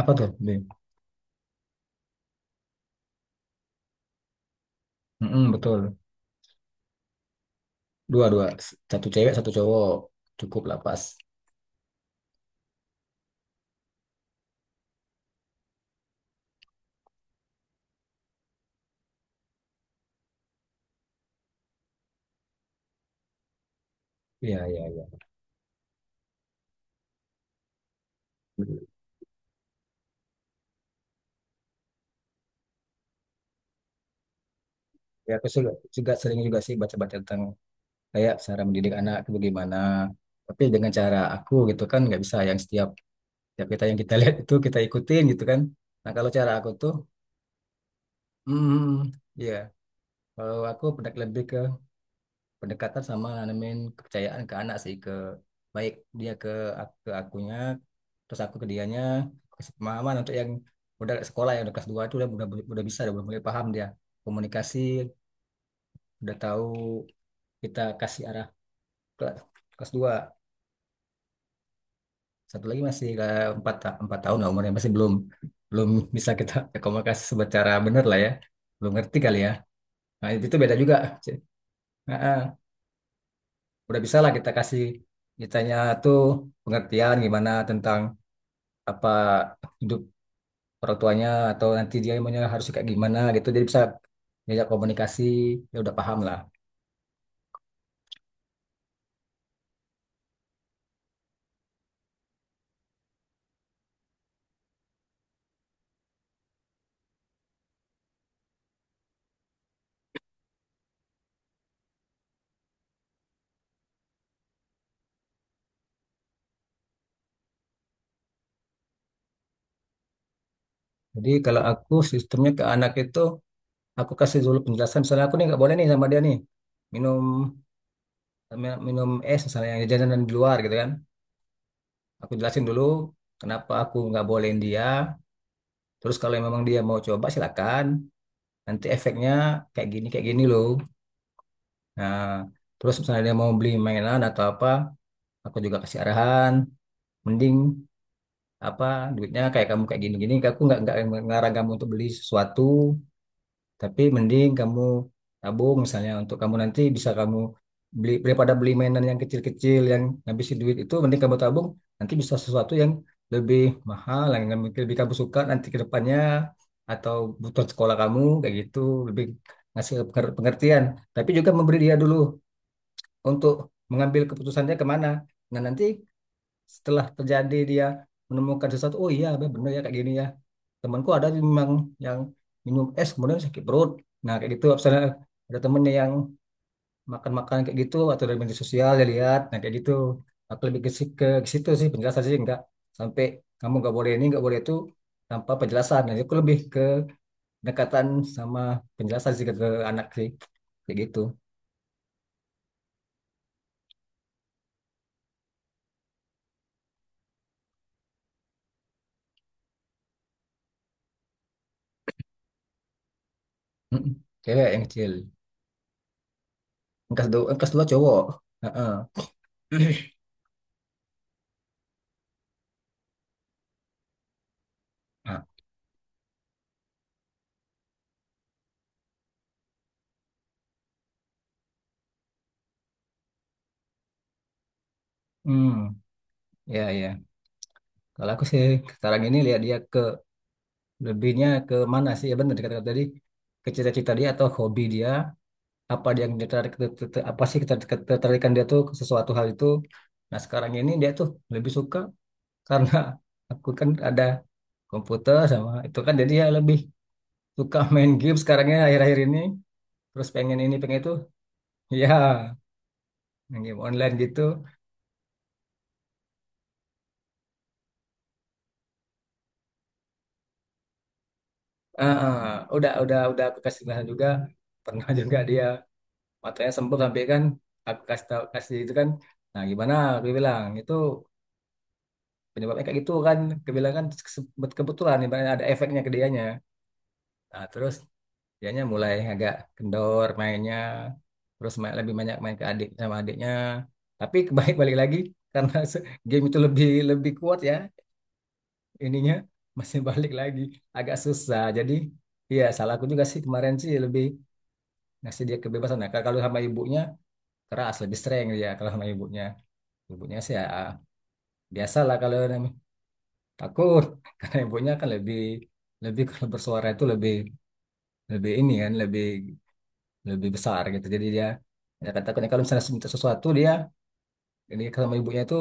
Apa tuh? B. Mm-mm, betul. Dua, dua. Satu cewek, satu cowok. Cukup lah pas. Iya, iya, iya. Ya, aku juga sering juga sih baca-baca tentang kayak cara mendidik anak itu bagaimana. Tapi dengan cara aku gitu kan nggak bisa yang setiap setiap kita yang kita lihat itu kita ikutin gitu kan. Nah kalau cara aku tuh, hmm, iya. Kalau aku pendek lebih ke pendekatan sama nanamin kepercayaan ke anak sih ke baik dia ke akunya terus aku ke dianya kasih pemahaman untuk yang udah sekolah yang udah kelas 2 itu udah, udah bisa udah mulai paham dia komunikasi udah tahu kita kasih arah ke kelas dua. Satu lagi masih ke empat empat tahun lah umurnya masih belum belum bisa kita komunikasi secara benar lah ya belum ngerti kali ya nah itu beda juga. Nah, ah. Udah bisa lah kita kasih ditanya tuh pengertian gimana tentang apa hidup orang tuanya atau nanti dia maunya harus kayak gimana gitu jadi bisa diajak komunikasi ya udah paham lah. Jadi kalau aku sistemnya ke anak itu aku kasih dulu penjelasan misalnya aku nih nggak boleh nih sama dia nih minum minum es misalnya yang jajanan di luar gitu kan aku jelasin dulu kenapa aku nggak bolehin dia terus kalau memang dia mau coba silakan nanti efeknya kayak gini loh. Nah, terus misalnya dia mau beli mainan atau apa, aku juga kasih arahan. Mending apa duitnya kayak kamu kayak gini-gini. Aku nggak ngarang kamu untuk beli sesuatu, tapi mending kamu tabung misalnya untuk kamu nanti bisa kamu beli daripada beli mainan yang kecil-kecil yang ngabisin duit itu, mending kamu tabung nanti bisa sesuatu yang lebih mahal, yang lebih kamu suka nanti ke depannya atau butuh sekolah kamu kayak gitu lebih ngasih pengertian tapi juga memberi dia dulu untuk mengambil keputusannya kemana. Nah nanti setelah terjadi dia menemukan sesuatu, oh iya bener ya kayak gini ya. Temanku ada memang yang minum es kemudian sakit perut. Nah kayak gitu, misalnya ada temennya yang makan-makan kayak gitu atau dari media sosial dia lihat, nah kayak gitu. Aku lebih ke, ke situ sih penjelasan sih enggak sampai kamu nggak boleh ini nggak boleh itu tanpa penjelasan. Nah, aku lebih ke pendekatan sama penjelasan sih ke anak sih kayak gitu. Mm-mm. Cewek yang kecil. Angkas dua cowok. Heeh. Nah, hmm, ya ya. Kalau aku sih sekarang ini lihat dia ke lebihnya ke mana sih? Ya benar dikatakan tadi ke cita-cita dia atau hobi dia apa dia yang tertarik apa sih ketertarikan dia tuh ke sesuatu hal itu. Nah sekarang ini dia tuh lebih suka karena aku kan ada komputer sama itu kan jadi ya lebih suka main game sekarangnya akhir-akhir ini terus pengen ini pengen itu. Ya main game online gitu. Ah, ah. Udah aku kasih penjelasan juga pernah juga dia matanya sempet sampai kan aku kasih tahu kasih itu kan nah gimana aku bilang itu penyebabnya kayak gitu kan aku bilang kan kebetulan ibaratnya ada efeknya ke dianya nah terus dianya mulai agak kendor mainnya terus main, lebih banyak main ke adik sama adiknya tapi kebalik balik lagi karena game itu lebih lebih kuat ya ininya masih balik lagi agak susah jadi. Iya, salah aku juga sih kemarin sih lebih ngasih dia kebebasan. Nah, kalau sama ibunya keras lebih strength dia kalau sama ibunya. Ibunya sih ya biasa lah kalau takut karena ibunya kan lebih lebih kalau bersuara itu lebih lebih ini kan lebih lebih besar gitu. Jadi dia ya takutnya kalau misalnya minta sesuatu dia ini kalau sama ibunya itu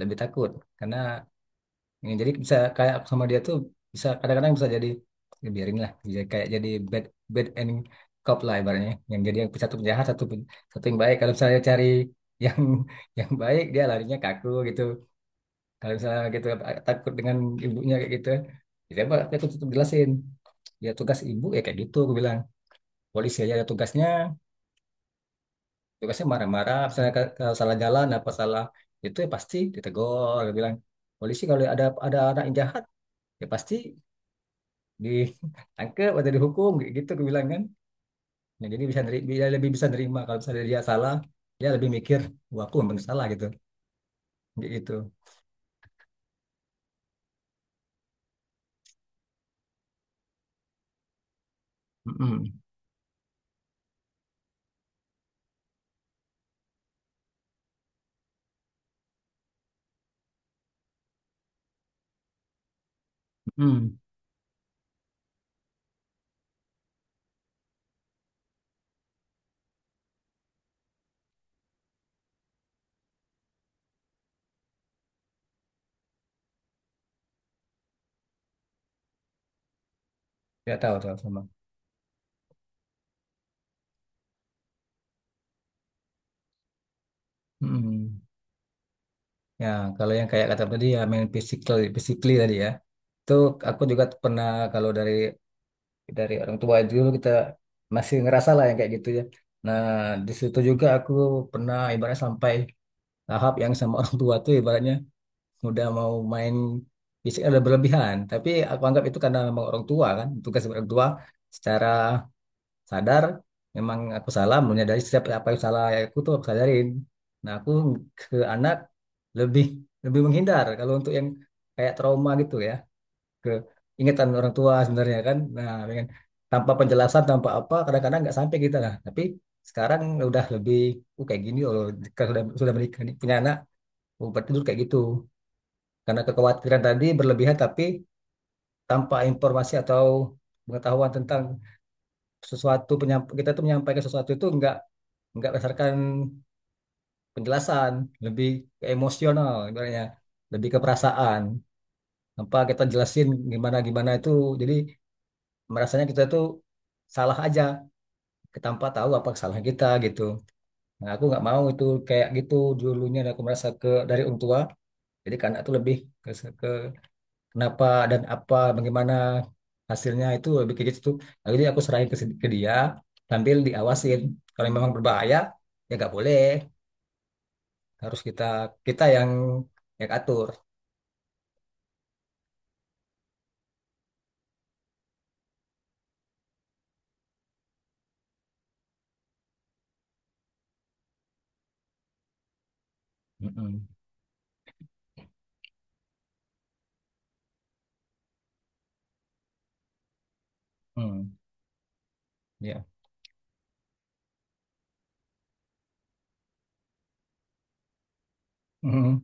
lebih takut karena. Ya, jadi bisa kayak aku sama dia tuh bisa kadang-kadang bisa jadi ya biarin lah jadi kayak jadi bad bad and cop lah ibaratnya yang jadi yang satu penjahat satu satu yang baik kalau misalnya cari yang yang baik dia larinya kaku gitu kalau misalnya gitu takut dengan ibunya kayak gitu ya saya aku tutup jelasin ya tugas ibu ya kayak gitu aku bilang polisi aja ada tugasnya tugasnya marah-marah misalnya kalau salah jalan apa salah itu ya pasti ditegur aku bilang polisi kalau ada anak yang jahat ya pasti ditangkap atau dihukum gitu aku bilang kan nah, jadi bisa dia lebih bisa nerima kalau misalnya dia salah dia lebih mikir wah aku memang salah gitu kayak gitu. Mm-mm. Mm-mm. Nggak tahu tuh sama. Mm-mm. Ya kalau yang kayak kata tadi ya main physical physically tadi ya itu aku juga pernah kalau dari orang tua dulu kita masih ngerasa lah yang kayak gitu ya nah di situ juga aku pernah ibaratnya sampai tahap yang sama orang tua tuh ibaratnya udah mau main fisik ada berlebihan. Tapi aku anggap itu karena memang orang tua kan, tugas orang tua secara sadar memang aku salah, menyadari setiap apa yang salah aku tuh aku sadarin. Nah, aku ke anak lebih lebih menghindar kalau untuk yang kayak trauma gitu ya, ke ingatan orang tua sebenarnya kan. Nah, dengan tanpa penjelasan, tanpa apa, kadang-kadang nggak sampai kita lah. Tapi sekarang udah lebih, kayak gini loh, kalau sudah menikah nih, punya anak, oh, berarti dulu kayak gitu. Karena kekhawatiran tadi berlebihan tapi tanpa informasi atau pengetahuan tentang sesuatu kita tuh menyampaikan sesuatu itu nggak berdasarkan penjelasan, lebih ke emosional ibaratnya, lebih ke perasaan. Tanpa kita jelasin gimana gimana itu, jadi merasanya kita tuh salah aja, tanpa tahu apa kesalahan kita gitu. Nah, aku nggak mau itu kayak gitu dulunya. Dan aku merasa ke dari orang tua, jadi ke anak tuh lebih ke, kenapa dan apa bagaimana hasilnya itu lebih kayak gitu. Lalu nah, jadi aku serahin ke, ke dia sambil diawasin kalau memang berbahaya ya nggak boleh harus kita kita yang atur. Mm-mm. Mm. Ya. Mm-mm.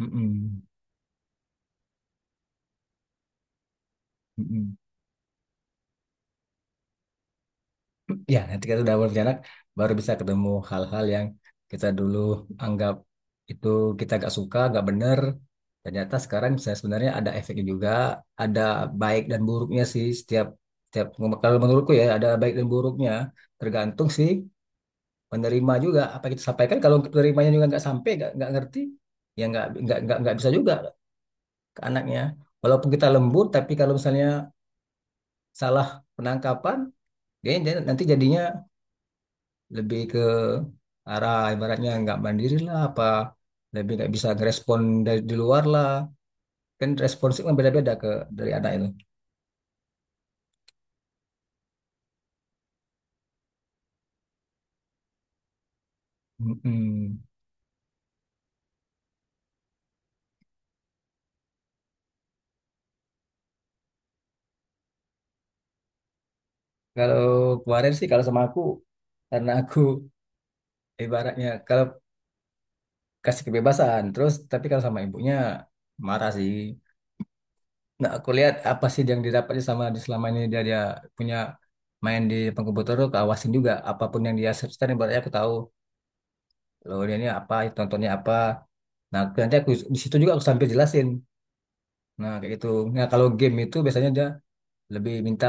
Mm-mm. Mm-mm. Ya nanti kita sudah berjalan baru bisa ketemu hal-hal yang kita dulu anggap itu kita gak suka gak bener ternyata sekarang bisa sebenarnya ada efeknya juga ada baik dan buruknya sih setiap setiap kalau menurutku ya ada baik dan buruknya tergantung sih penerima juga apa kita sampaikan kalau penerimanya juga nggak sampai nggak ngerti ya nggak bisa juga ke anaknya walaupun kita lembut tapi kalau misalnya salah penangkapan dia dia nanti jadinya lebih ke arah ibaratnya nggak mandiri lah apa lebih nggak bisa ngerespon dari di luar lah kan responsif kan beda-beda ke dari anak itu. Mm-mm. Kalau kemarin sih kalau sama aku karena aku ibaratnya kalau kasih kebebasan terus tapi kalau sama ibunya marah sih nah aku lihat apa sih yang didapatnya sama di selama ini dia dia punya main di depan komputer tuh keawasin juga apapun yang dia search kan ibaratnya aku tahu loh dia ini apa tontonnya apa. Nah, nanti aku di situ juga aku sambil jelasin. Nah, kayak gitu. Nah, kalau game itu biasanya dia lebih minta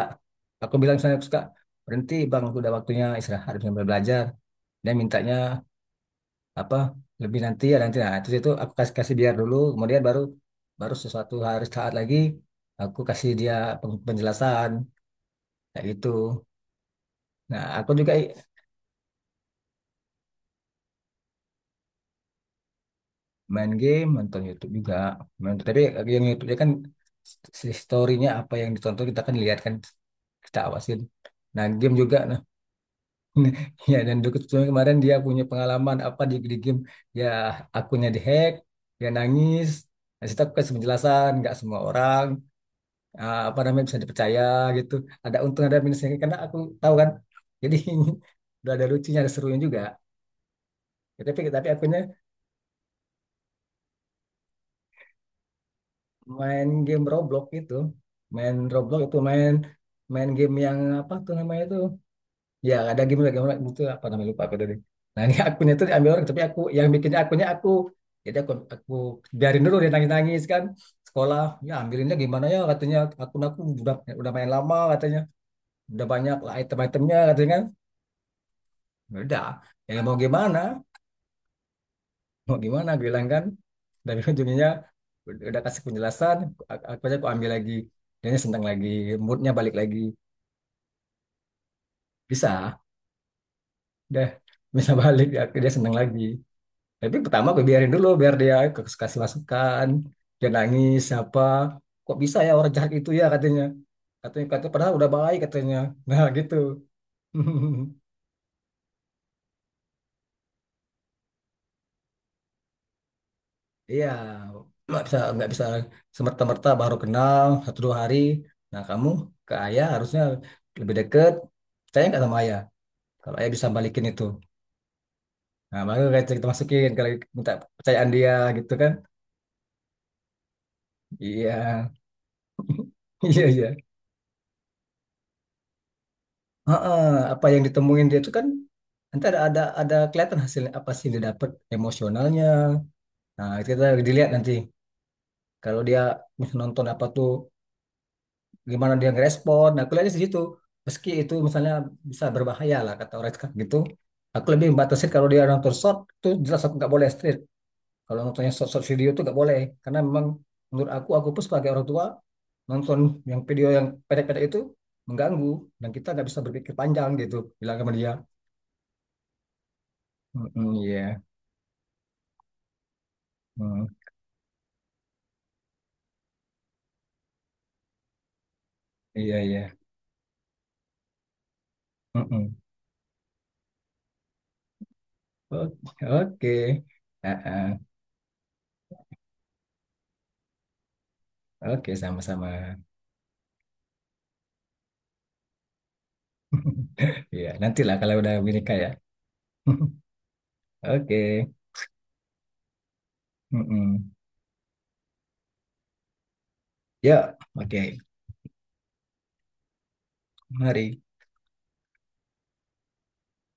aku bilang misalnya aku suka berhenti Bang, udah waktunya istirahat, udah mulai belajar. Dia mintanya apa? Lebih nanti ya nanti. Nah, terus itu aku kasih kasih biar dulu, kemudian baru baru sesuatu hari saat lagi aku kasih dia penjelasan kayak gitu. Nah, aku juga main game nonton YouTube juga main, tapi yang YouTube nya kan si story-nya apa yang ditonton kita kan lihat kan kita awasin nah game juga nah ya dan dulu kebetulan kemarin dia punya pengalaman apa di game ya akunnya dihack dia nangis nah, situ aku kasih penjelasan nggak semua orang apa namanya bisa dipercaya gitu ada untung ada minusnya karena aku tahu kan jadi udah ada lucunya ada serunya juga. Ya, tapi akunya main game Roblox itu main main game yang apa tuh namanya itu ya ada game lagi game itu apa namanya lupa aku tadi nah ini akunnya itu diambil orang tapi aku yang bikin akunnya aku jadi aku biarin dulu dia nangis nangis kan sekolah ya ambilinnya gimana ya katanya akun aku udah main lama katanya udah banyak lah item-itemnya katanya kan. Ya udah ya mau gimana gue bilang kan dari ujungnya udah kasih penjelasan aku aja aku ambil lagi dia senang lagi moodnya balik lagi bisa udah bisa balik ya, dia senang lagi tapi pertama gue biarin dulu biar dia kasih masukan dia nangis siapa kok bisa ya orang jahat itu ya katanya katanya katanya padahal udah baik katanya nah gitu. Iya, nggak bisa semerta-merta baru kenal satu dua hari. Nah kamu ke ayah harusnya lebih deket. Percaya nggak sama ayah? Kalau ayah bisa balikin itu, nah baru kayak kita masukin kalau minta percayaan dia gitu kan? Iya, iya iya. Heeh, apa yang ditemuin dia itu kan nanti ada kelihatan hasilnya apa sih yang dia dapat emosionalnya. Nah itu kita dilihat nanti kalau dia nonton apa tuh gimana dia ngerespon. Nah, aku lihatnya di situ. Meski itu misalnya bisa berbahaya lah kata orang sekarang gitu. Aku lebih membatasin kalau dia nonton short tuh jelas aku nggak boleh straight. Kalau nontonnya short short video tuh nggak boleh karena memang menurut aku pun sebagai orang tua nonton yang video yang pendek-pendek itu mengganggu dan kita nggak bisa berpikir panjang gitu bilang sama dia. Mm-mm, iya. Mm, iya, iya. Mm-mm. Oke, oke. Ah, ah. Oke, sama-sama. Iya, nantilah kalau udah menikah ya. Oke. Mm-mm. Ya, oke. Mari.